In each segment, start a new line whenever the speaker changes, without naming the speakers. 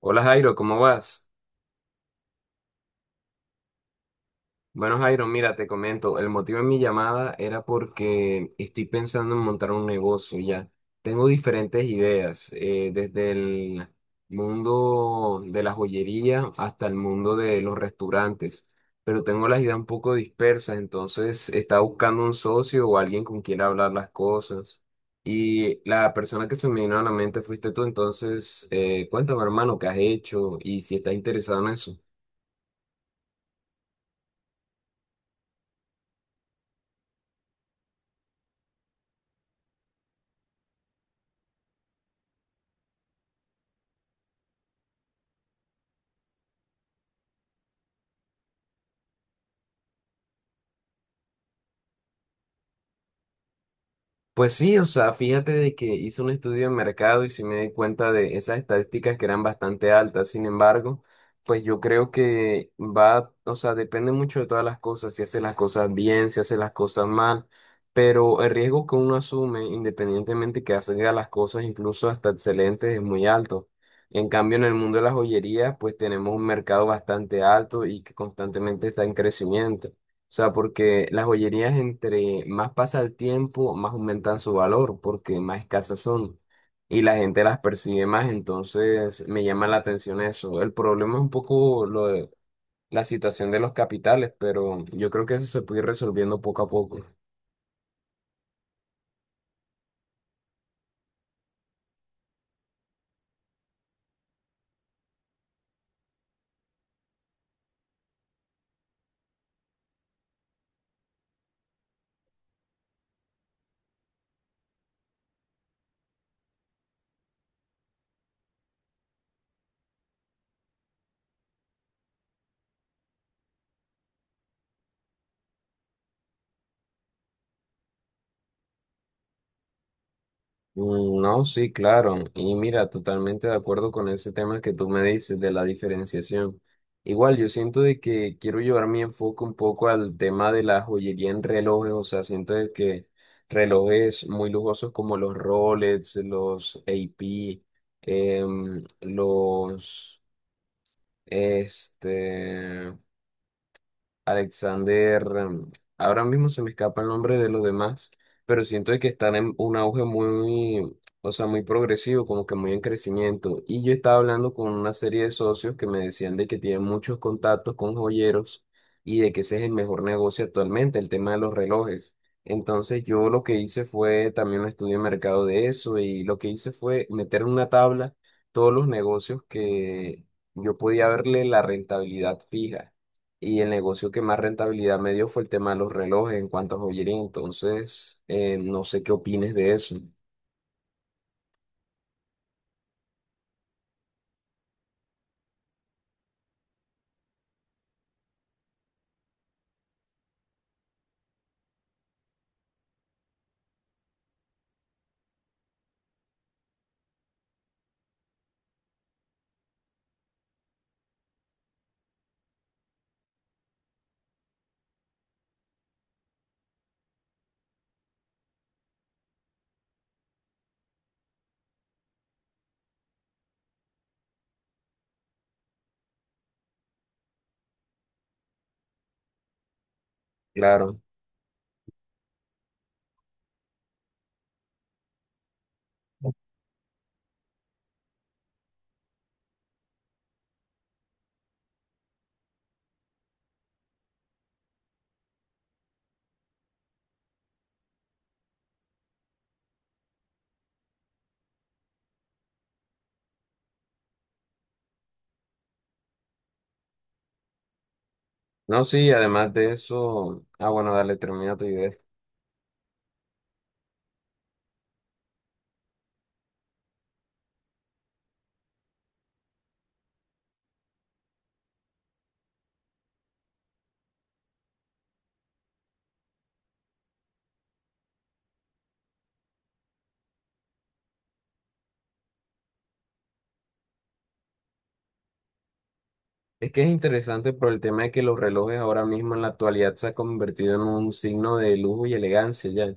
Hola Jairo, ¿cómo vas? Bueno Jairo, mira, te comento, el motivo de mi llamada era porque estoy pensando en montar un negocio ya. Tengo diferentes ideas, desde el mundo de la joyería hasta el mundo de los restaurantes, pero tengo las ideas un poco dispersas, entonces estaba buscando un socio o alguien con quien hablar las cosas. Y la persona que se me vino a la mente fuiste tú, entonces cuéntame hermano, ¿qué has hecho y si estás interesado en eso? Pues sí, o sea, fíjate de que hice un estudio de mercado y sí me di cuenta de esas estadísticas que eran bastante altas. Sin embargo, pues yo creo que va, o sea, depende mucho de todas las cosas, si hace las cosas bien, si hace las cosas mal, pero el riesgo que uno asume, independientemente que haga las cosas incluso hasta excelentes, es muy alto. En cambio, en el mundo de las joyerías, pues tenemos un mercado bastante alto y que constantemente está en crecimiento. O sea, porque las joyerías entre más pasa el tiempo, más aumentan su valor, porque más escasas son y la gente las percibe más, entonces me llama la atención eso. El problema es un poco lo de la situación de los capitales, pero yo creo que eso se puede ir resolviendo poco a poco. Mm, no, sí, claro. Y mira, totalmente de acuerdo con ese tema que tú me dices de la diferenciación. Igual, yo siento de que quiero llevar mi enfoque un poco al tema de la joyería en relojes. O sea, siento de que relojes muy lujosos como los Rolex, los AP, los, este, Alexander, ahora mismo se me escapa el nombre de los demás, pero siento de que están en un auge muy, o sea, muy progresivo, como que muy en crecimiento. Y yo estaba hablando con una serie de socios que me decían de que tienen muchos contactos con joyeros y de que ese es el mejor negocio actualmente, el tema de los relojes. Entonces yo lo que hice fue también un estudio de mercado de eso y lo que hice fue meter en una tabla todos los negocios que yo podía verle la rentabilidad fija. Y el negocio que más rentabilidad me dio fue el tema de los relojes en cuanto a joyería. Entonces, no sé qué opines de eso. Claro. No, sí, además de eso. Ah, bueno, dale, termina tu idea. Es que es interesante por el tema de que los relojes ahora mismo en la actualidad se ha convertido en un signo de lujo y elegancia ya.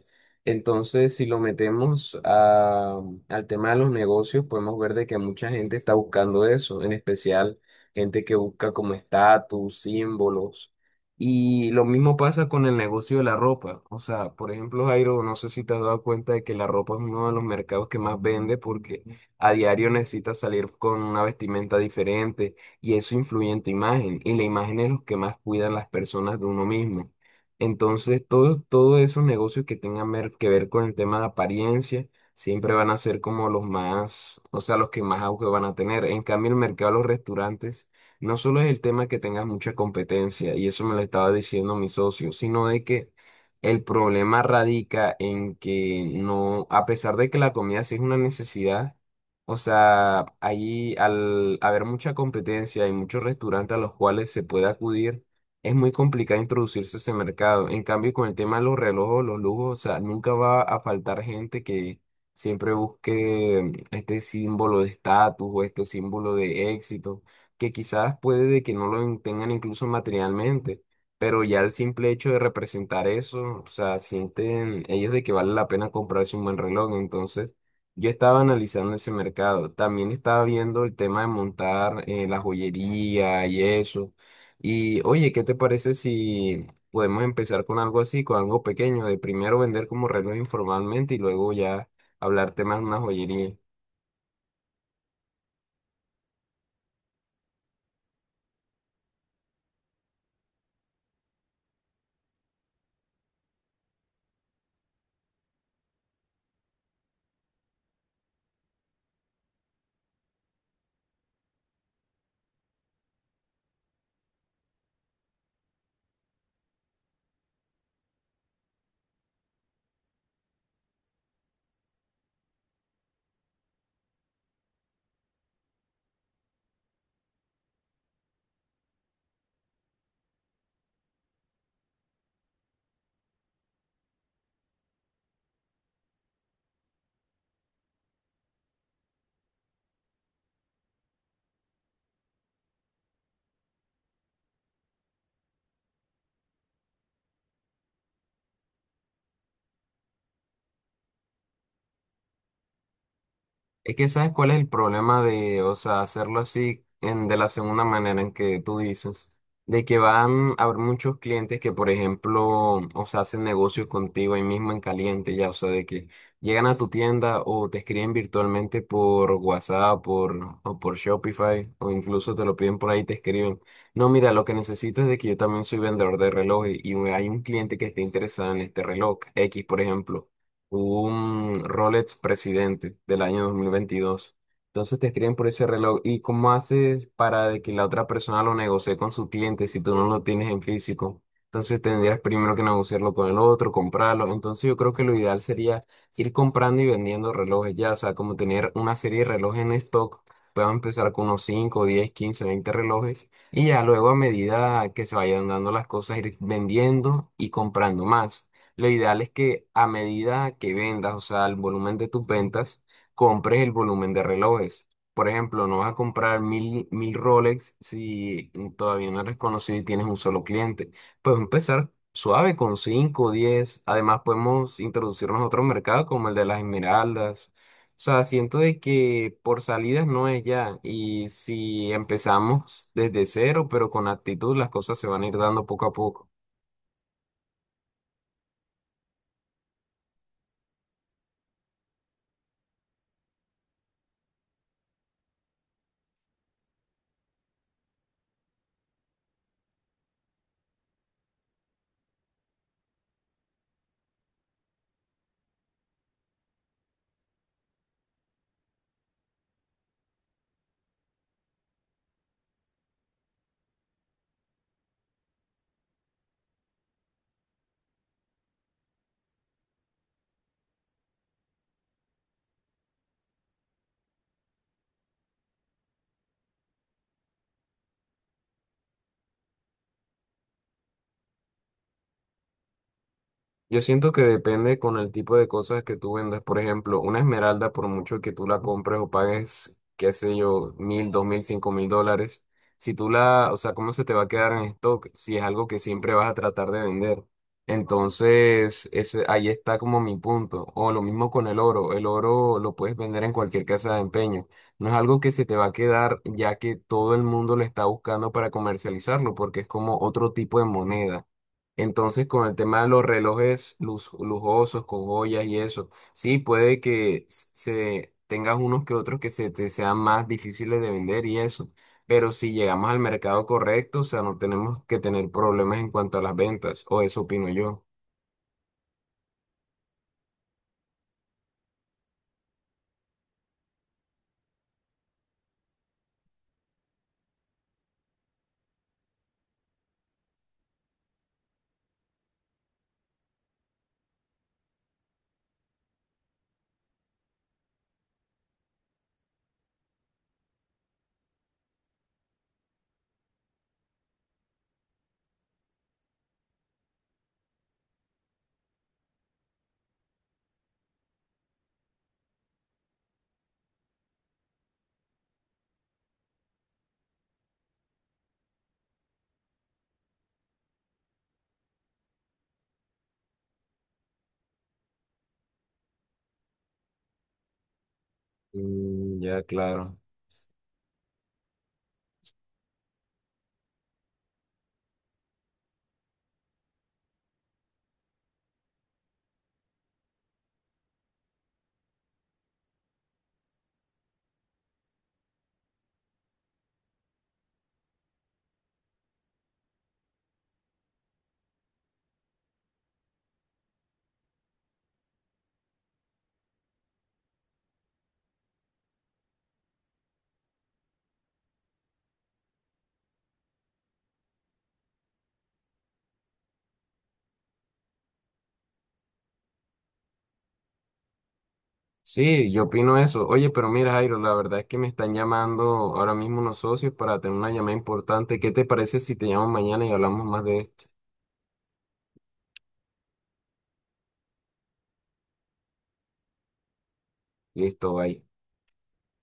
Entonces, si lo metemos al tema de los negocios, podemos ver de que mucha gente está buscando eso, en especial gente que busca como estatus, símbolos. Y lo mismo pasa con el negocio de la ropa. O sea, por ejemplo, Jairo, no sé si te has dado cuenta de que la ropa es uno de los mercados que más vende porque a diario necesitas salir con una vestimenta diferente y eso influye en tu imagen y la imagen es lo que más cuidan las personas de uno mismo. Entonces, todos esos negocios que tengan que ver con el tema de apariencia siempre van a ser como los más, o sea, los que más auge van a tener. En cambio, el mercado de los restaurantes no solo es el tema que tengas mucha competencia, y eso me lo estaba diciendo mi socio, sino de que el problema radica en que no, a pesar de que la comida sí es una necesidad, o sea, allí al haber mucha competencia y muchos restaurantes a los cuales se puede acudir, es muy complicado introducirse a ese mercado. En cambio, con el tema de los relojes, los lujos, o sea, nunca va a faltar gente que siempre busque este símbolo de estatus o este símbolo de éxito, que quizás puede de que no lo tengan incluso materialmente, pero ya el simple hecho de representar eso, o sea, sienten ellos de que vale la pena comprarse un buen reloj, entonces. Yo estaba analizando ese mercado. También estaba viendo el tema de montar la joyería y eso. Y oye, ¿qué te parece si podemos empezar con algo así, con algo pequeño, de primero vender como reloj informalmente y luego ya hablar temas de una joyería? Es que sabes cuál es el problema de, o sea, hacerlo así en, de la segunda manera en que tú dices, de que van a haber muchos clientes que, por ejemplo, o sea, hacen negocios contigo ahí mismo en caliente, ya, o sea, de que llegan a tu tienda o te escriben virtualmente por WhatsApp por, o por Shopify o incluso te lo piden por ahí y te escriben, no, mira, lo que necesito es de que yo también soy vendedor de relojes y hay un cliente que esté interesado en este reloj, X, por ejemplo un Rolex Presidente del año 2022. Entonces te escriben por ese reloj. ¿Y cómo haces para de que la otra persona lo negocie con su cliente si tú no lo tienes en físico? Entonces tendrías primero que negociarlo con el otro, comprarlo. Entonces yo creo que lo ideal sería ir comprando y vendiendo relojes ya, o sea, como tener una serie de relojes en stock. Puedo empezar con unos 5, 10, 15, 20 relojes y ya luego a medida que se vayan dando las cosas ir vendiendo y comprando más. Lo ideal es que a medida que vendas, o sea, el volumen de tus ventas, compres el volumen de relojes. Por ejemplo, no vas a comprar mil Rolex si todavía no eres conocido y tienes un solo cliente. Puedes empezar suave con 5 o 10. Además, podemos introducirnos a otro mercado como el de las esmeraldas. O sea, siento de que por salidas no es ya. Y si empezamos desde cero, pero con actitud, las cosas se van a ir dando poco a poco. Yo siento que depende con el tipo de cosas que tú vendas. Por ejemplo, una esmeralda, por mucho que tú la compres o pagues, qué sé yo, $1,000, $2,000, $5,000, si tú la, o sea, ¿cómo se te va a quedar en stock si es algo que siempre vas a tratar de vender? Entonces, ese, ahí está como mi punto. O lo mismo con el oro. El oro lo puedes vender en cualquier casa de empeño. No es algo que se te va a quedar ya que todo el mundo lo está buscando para comercializarlo porque es como otro tipo de moneda. Entonces, con el tema de los relojes lujosos, con joyas y eso, sí, puede que se tengas unos que otros que se te sean más difíciles de vender y eso, pero si llegamos al mercado correcto, o sea, no tenemos que tener problemas en cuanto a las ventas, o eso opino yo. Mm, ya, claro. Sí, yo opino eso. Oye, pero mira, Jairo, la verdad es que me están llamando ahora mismo unos socios para tener una llamada importante. ¿Qué te parece si te llamo mañana y hablamos más de esto? Listo, bye.